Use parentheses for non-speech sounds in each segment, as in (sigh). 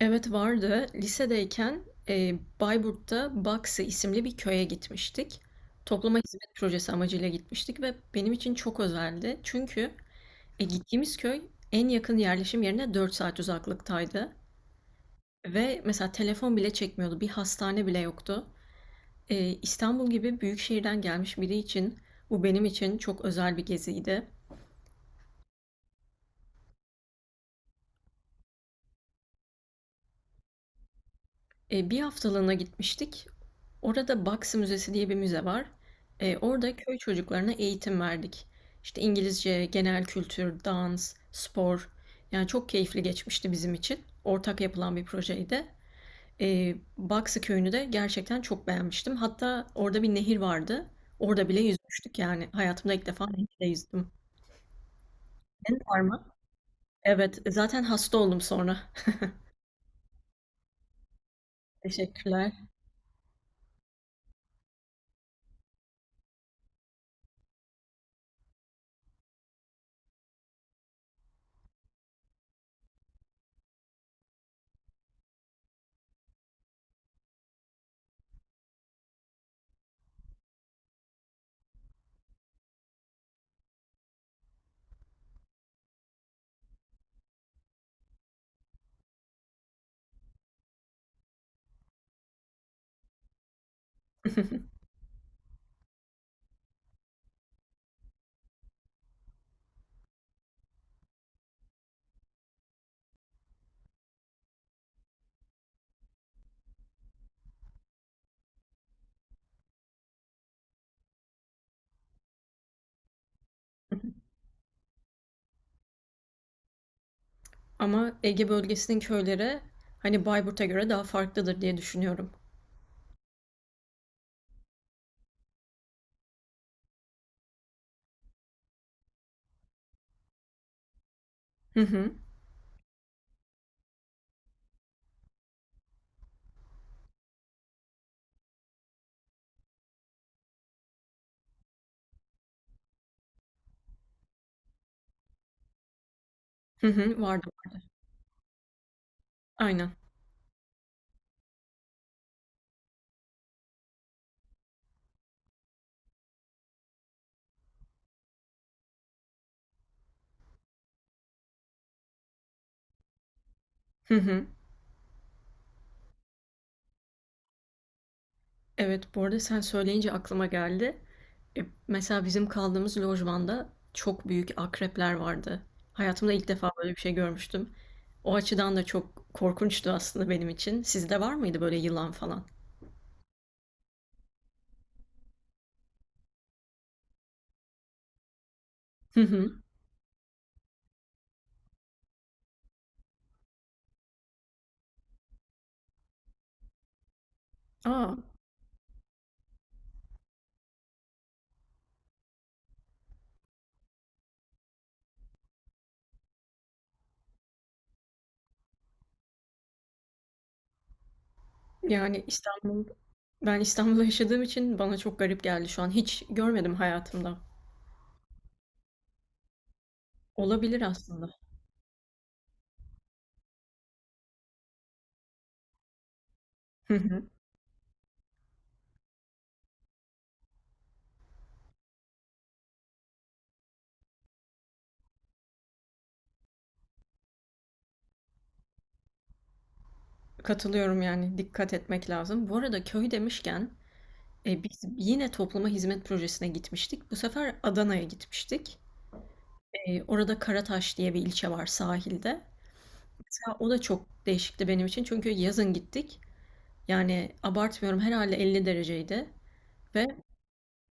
Evet vardı. Lisedeyken, Bayburt'ta Baksı isimli bir köye gitmiştik. Topluma hizmet projesi amacıyla gitmiştik ve benim için çok özeldi. Çünkü gittiğimiz köy en yakın yerleşim yerine 4 saat uzaklıktaydı. Ve mesela telefon bile çekmiyordu. Bir hastane bile yoktu. İstanbul gibi büyük şehirden gelmiş biri için bu benim için çok özel bir geziydi. Bir haftalığına gitmiştik. Orada Baksı Müzesi diye bir müze var. Orada köy çocuklarına eğitim verdik. İşte İngilizce, genel kültür, dans, spor. Yani çok keyifli geçmişti bizim için. Ortak yapılan bir projeydi. Baksı köyünü de gerçekten çok beğenmiştim. Hatta orada bir nehir vardı. Orada bile yüzmüştük yani. Hayatımda ilk defa nehirde yüzdüm. Senin var mı? Evet, zaten hasta oldum sonra. (laughs) Teşekkürler. (laughs) Ama Ege bölgesinin köyleri hani Bayburt'a göre daha farklıdır diye düşünüyorum. Hı hı. Hı hı, vardı. Aynen. Hı hı. Evet, bu arada sen söyleyince aklıma geldi. E, Mesela bizim kaldığımız lojmanda çok büyük akrepler vardı. Hayatımda ilk defa böyle bir şey görmüştüm. O açıdan da çok korkunçtu aslında benim için. Sizde var mıydı böyle yılan falan? Hı hı. Aa, yani ben İstanbul'da yaşadığım için bana çok garip geldi şu an. Hiç görmedim hayatımda. Olabilir aslında. Hı hı. Katılıyorum yani dikkat etmek lazım. Bu arada köy demişken biz yine topluma hizmet projesine gitmiştik. Bu sefer Adana'ya gitmiştik. Orada Karataş diye bir ilçe var sahilde. Mesela o da çok değişikti benim için çünkü yazın gittik. Yani abartmıyorum herhalde 50 dereceydi ve,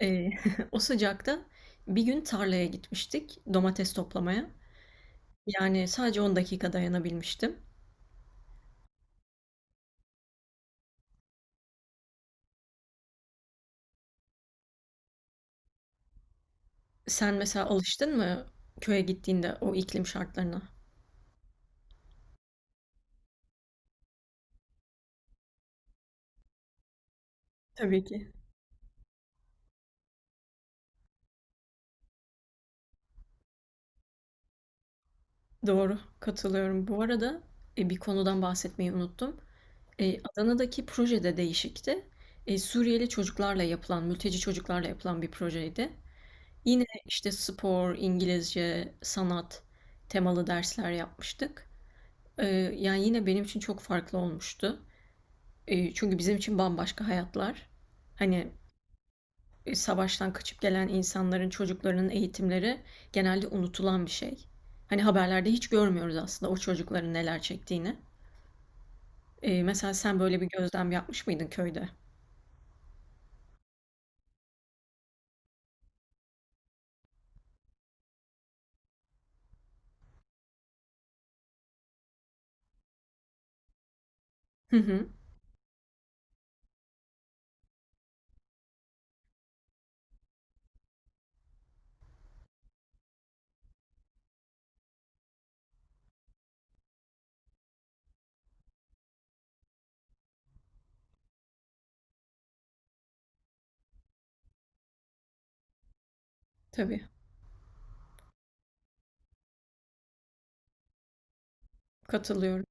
eee, (laughs) o sıcakta bir gün tarlaya gitmiştik domates toplamaya. Yani sadece 10 dakika dayanabilmiştim. Sen mesela alıştın mı köye gittiğinde o iklim şartlarına? Tabii ki. Doğru, katılıyorum. Bu arada, bir konudan bahsetmeyi unuttum. Adana'daki projede değişikti. Suriyeli çocuklarla yapılan, mülteci çocuklarla yapılan bir projeydi. Yine işte spor, İngilizce, sanat temalı dersler yapmıştık. Eee, Yani yine benim için çok farklı olmuştu. Çünkü bizim için bambaşka hayatlar. Hani savaştan kaçıp gelen insanların, çocuklarının eğitimleri genelde unutulan bir şey. Hani haberlerde hiç görmüyoruz aslında o çocukların neler çektiğini. Mesela sen böyle bir gözlem yapmış mıydın köyde? Hı hı, tabii. Katılıyorum.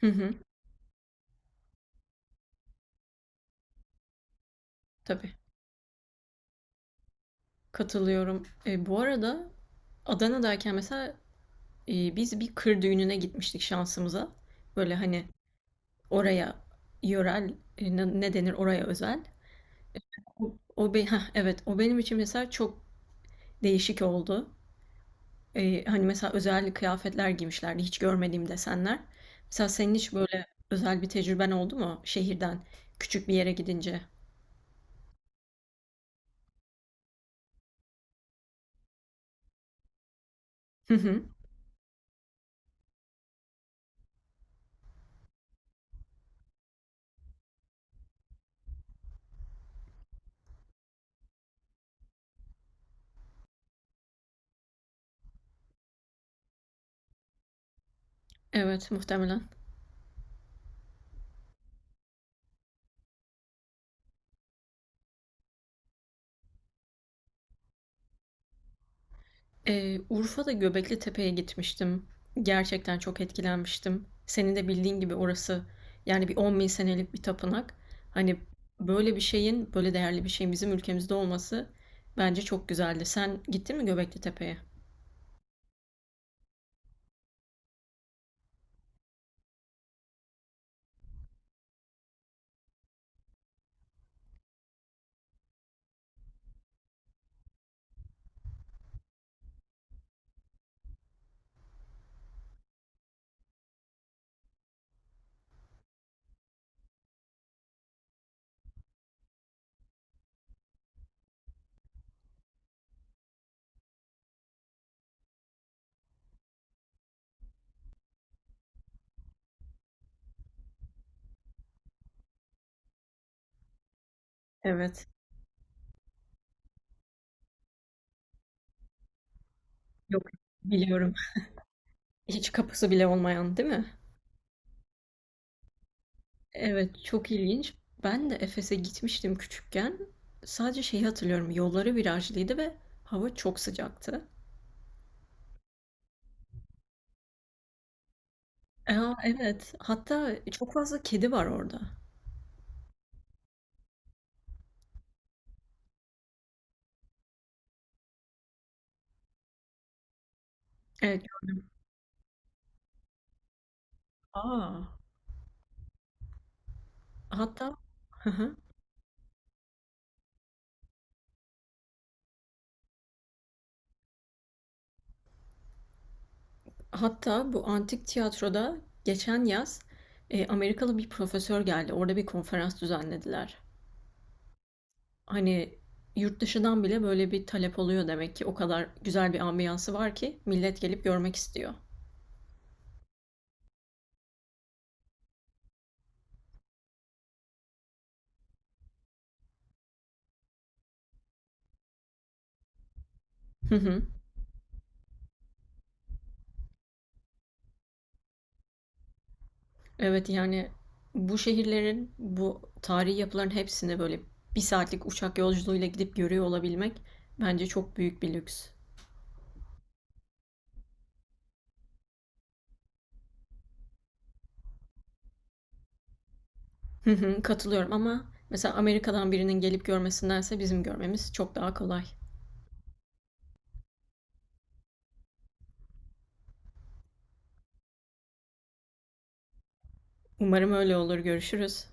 Hı hı. Tabii. Katılıyorum. Bu arada Adana'dayken mesela biz bir kır düğününe gitmiştik şansımıza. Böyle hani oraya yörel ne denir oraya özel. Evet o benim için mesela çok değişik oldu. Hani mesela özel kıyafetler giymişlerdi hiç görmediğim desenler. Mesela senin hiç böyle özel bir tecrüben oldu mu şehirden küçük bir yere gidince? Hı hı. Evet muhtemelen. Urfa'da Göbekli Tepe'ye gitmiştim. Gerçekten çok etkilenmiştim. Senin de bildiğin gibi orası yani bir 10 bin senelik bir tapınak. Hani böyle bir şeyin, böyle değerli bir şeyin bizim ülkemizde olması bence çok güzeldi. Sen gittin mi Göbekli Tepe'ye? Evet. Yok, biliyorum. Hiç kapısı bile olmayan, değil mi? Evet, çok ilginç. Ben de Efes'e gitmiştim küçükken. Sadece şeyi hatırlıyorum. Yolları virajlıydı ve hava çok sıcaktı. A, evet. Hatta çok fazla kedi var orada. Evet. A! Hatta. Hı hı. Hatta bu antik tiyatroda geçen yaz, Amerikalı bir profesör geldi. Orada bir konferans düzenlediler. Hani, yurt dışından bile böyle bir talep oluyor demek ki. O kadar güzel bir ambiyansı var ki millet gelip görmek istiyor. Hı hı. Evet, yani, bu şehirlerin, bu tarihi yapıların hepsini böyle bir saatlik uçak yolculuğuyla gidip görüyor olabilmek bence çok büyük bir lüks. Hı hı, katılıyorum ama mesela Amerika'dan birinin gelip görmesindense bizim görmemiz çok daha kolay. Umarım öyle olur. Görüşürüz.